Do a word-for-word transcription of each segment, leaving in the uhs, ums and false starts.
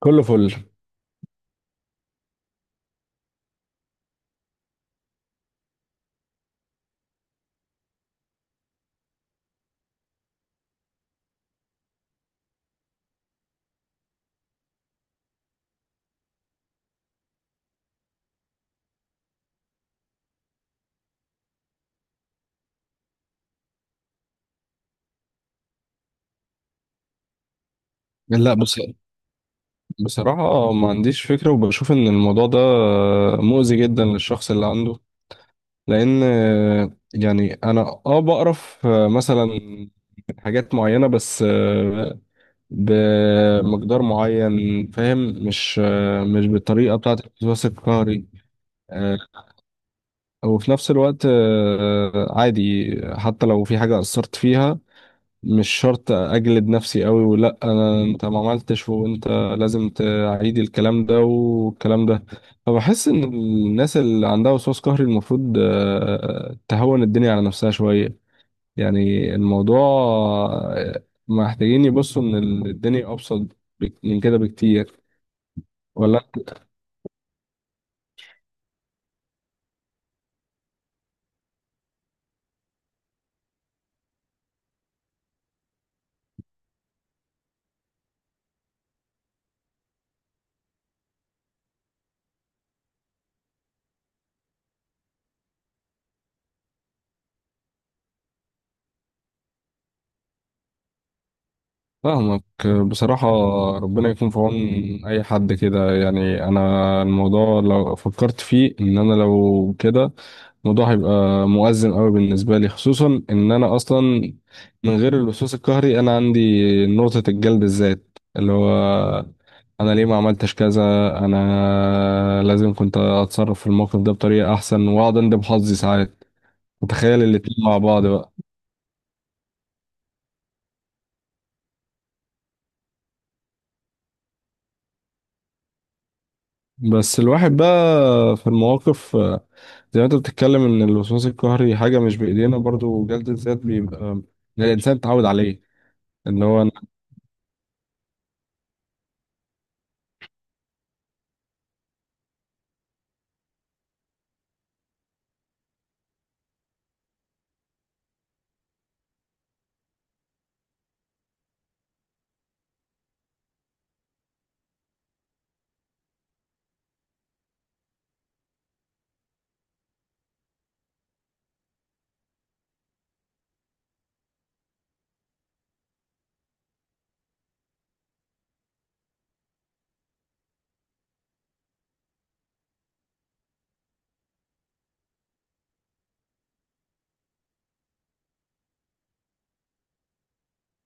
كله فل. لا بص، بصراحة ما عنديش فكرة وبشوف إن الموضوع ده مؤذي جدا للشخص اللي عنده. لأن يعني أنا أه بقرف مثلا من حاجات معينة، بس بمقدار معين فاهم. مش مش بالطريقة بتاعة الوسواس القهري. وفي نفس الوقت آه، عادي، حتى لو في حاجة أثرت فيها مش شرط اجلد نفسي قوي، ولا انا انت ما عملتش وانت لازم تعيد الكلام ده والكلام ده. فبحس ان الناس اللي عندها وسواس قهري المفروض آه، تهون الدنيا على نفسها شوية. يعني الموضوع آه، محتاجين يبصوا ان الدنيا ابسط بك- من كده بكتير. ولا فاهمك. بصراحة ربنا يكون في عون أي حد كده، يعني أنا الموضوع لو فكرت فيه إن أنا لو كده الموضوع هيبقى مؤزم قوي بالنسبة لي، خصوصا إن أنا أصلا من غير اللصوص القهري أنا عندي نقطة الجلد الذات، اللي هو أنا ليه ما عملتش كذا، أنا لازم كنت أتصرف في الموقف ده بطريقة أحسن، وأقعد أندب حظي ساعات. متخيل الاتنين مع بعض بقى. بس الواحد بقى في المواقف، زي ما انت بتتكلم ان الوسواس القهري حاجه مش بايدينا، برضو جلد الذات بيبقى إن الانسان اتعود عليه. ان هو أنا-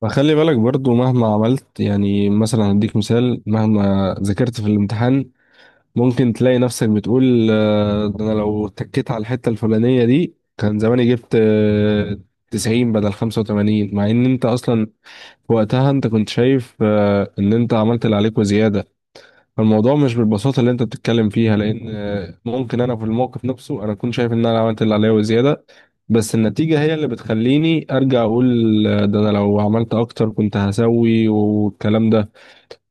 فخلي بالك برضو مهما عملت، يعني مثلا هديك مثال: مهما ذاكرت في الامتحان ممكن تلاقي نفسك بتقول آه، ده انا لو تكيت على الحته الفلانيه دي كان زماني جبت آه، تسعين بدل خمسة وثمانين، مع ان انت اصلا في وقتها انت كنت شايف آه، ان انت عملت اللي عليك وزياده. فالموضوع مش بالبساطة اللي انت بتتكلم فيها، لان آه، ممكن انا في الموقف نفسه انا اكون شايف ان انا عملت اللي عليا وزيادة، بس النتيجة هي اللي بتخليني ارجع اقول آه، ده انا لو عملت اكتر كنت هسوي والكلام ده.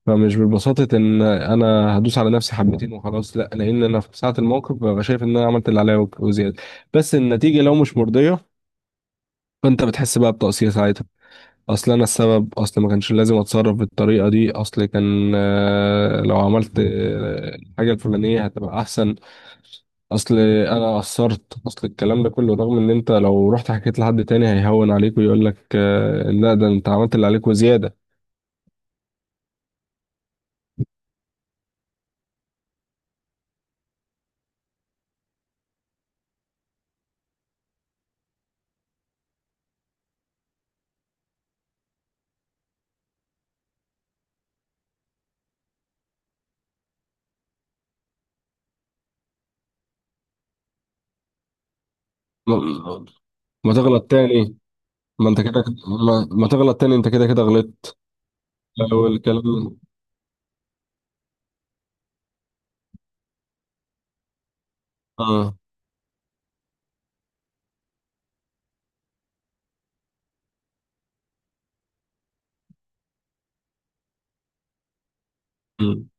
فمش ببساطة ان انا هدوس على نفسي حبتين وخلاص، لا، لان انا في ساعة الموقف ببقى شايف ان انا عملت اللي عليا وزيادة، بس النتيجة لو مش مرضية فانت بتحس بقى بتقصير ساعتها. اصل انا السبب، اصل ما كانش لازم اتصرف بالطريقه دي، اصل كان آه، لو عملت آه، الحاجه الفلانيه هتبقى احسن، اصل انا قصرت، اصل الكلام ده كله، رغم ان انت لو رحت حكيت لحد تاني هيهون عليك ويقول لك آه، لا ده انت عملت اللي عليك وزياده. ما ما تغلط تاني. ما انت كده ما, ما تغلط تاني، انت كده كده غلطت. لو الكلام. اه. امم.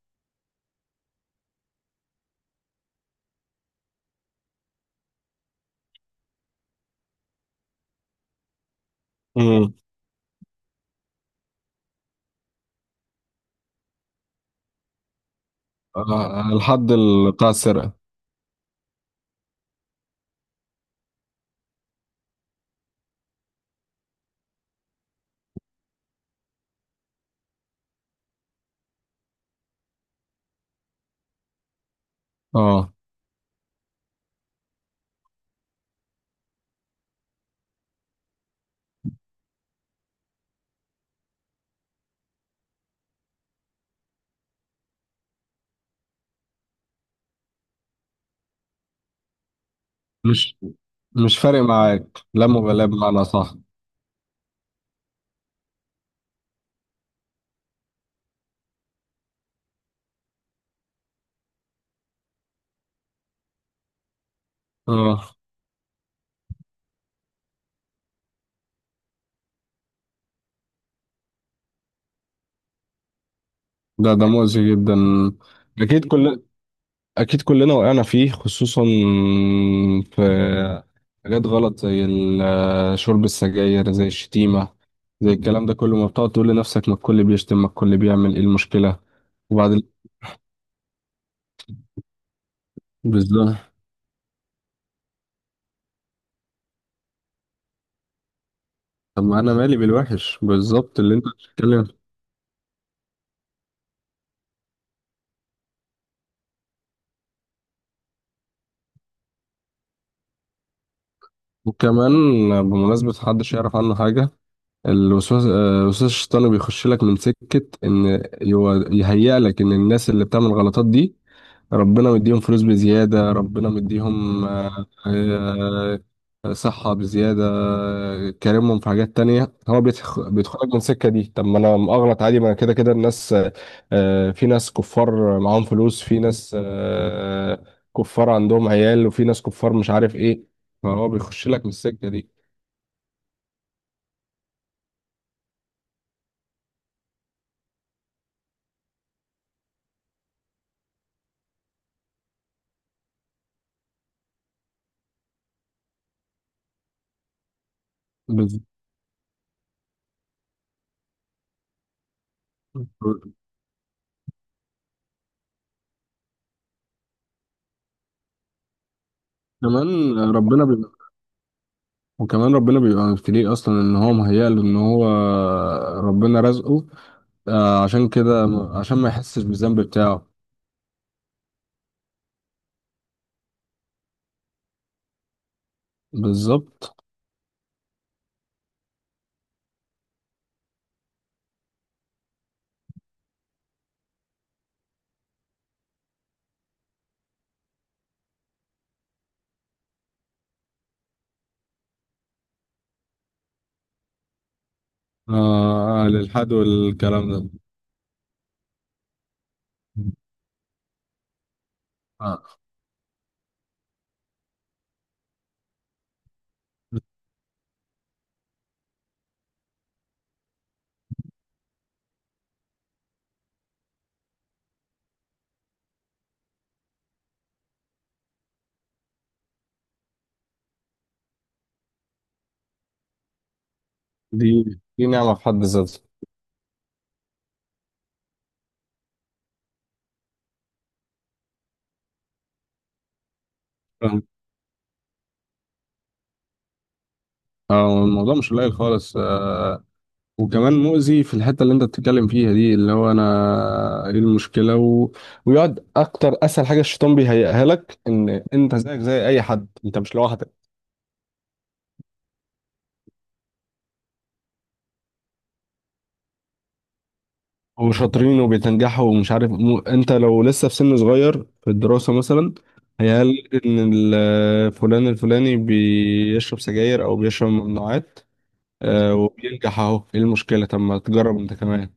آه. آه. الحد ال- بتاع السرقه. اه. مش مش فارق معاك، لا مبالاة بمعنى؟ صح. اه، ده ده مؤذي جدا. اكيد كل اكيد كلنا وقعنا فيه، خصوصا في حاجات غلط زي ال- آه، شرب السجاير، زي الشتيمة، زي الكلام ده كله. ما بتقعد تقول لنفسك ما الكل بيشتم، ما الكل بيعمل، ايه المشكلة؟ وبعد. بالظبط. طب ما انا مالي بالوحش؟ بالظبط اللي انت بتتكلم. وكمان بمناسبة محدش يعرف عنه حاجة، الوسواس آه، الوسواس الشيطاني بيخش لك من سكة إن هو يهيأ لك إن الناس اللي بتعمل الغلطات دي ربنا مديهم فلوس بزيادة، ربنا مديهم آه، آه، صحة بزيادة، آه، كارمهم في حاجات تانية. هو بيدخ- بيدخلك من السكة دي، طب ما أنا أغلط عادي ما أنا كده كده الناس آه، آه، في ناس كفار معاهم فلوس، في ناس آه، كفار عندهم عيال، وفي ناس كفار مش عارف إيه. فهو بيخش لك من السكة دي. بز- كمان ربنا بيبقى وكمان ربنا بيبقى مبتليه اصلا ان هو مهيأ له، ان هو ربنا رزقه آه عشان كده، عشان ما يحسش بالذنب بتاعه. بالظبط. آه آه، للحد والكلام ده. آه، دي دي نعمة في حد ذاتها. آه، آه، الموضوع مش قليل خالص. آه، وكمان مؤذي في الحتة اللي انت بتتكلم فيها دي، اللي هو انا ايه المشكلة و... ويقعد اكتر. اسهل حاجة الشيطان بيهيئها لك ان انت زيك زي اي حد، انت مش لوحدك وشاطرين وبيتنجحوا ومش عارف مو... انت لو لسه في سن صغير في الدراسة مثلا. مم. هيقال ان ال- فلان الفلاني بيشرب سجاير او بيشرب ممنوعات آه، وبينجح، اهو ايه المشكلة؟ طب ما تجرب انت كمان.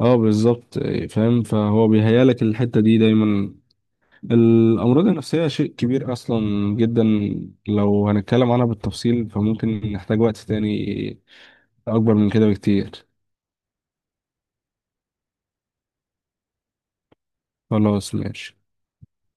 اه بالظبط، آه، فاهم. فهو بيهيالك الحتة دي دايما. الأمراض النفسية شيء كبير أصلا جدا. لو هنتكلم عنها بالتفصيل فممكن نحتاج وقت تاني أكبر من كده بكتير. خلاص ماشي.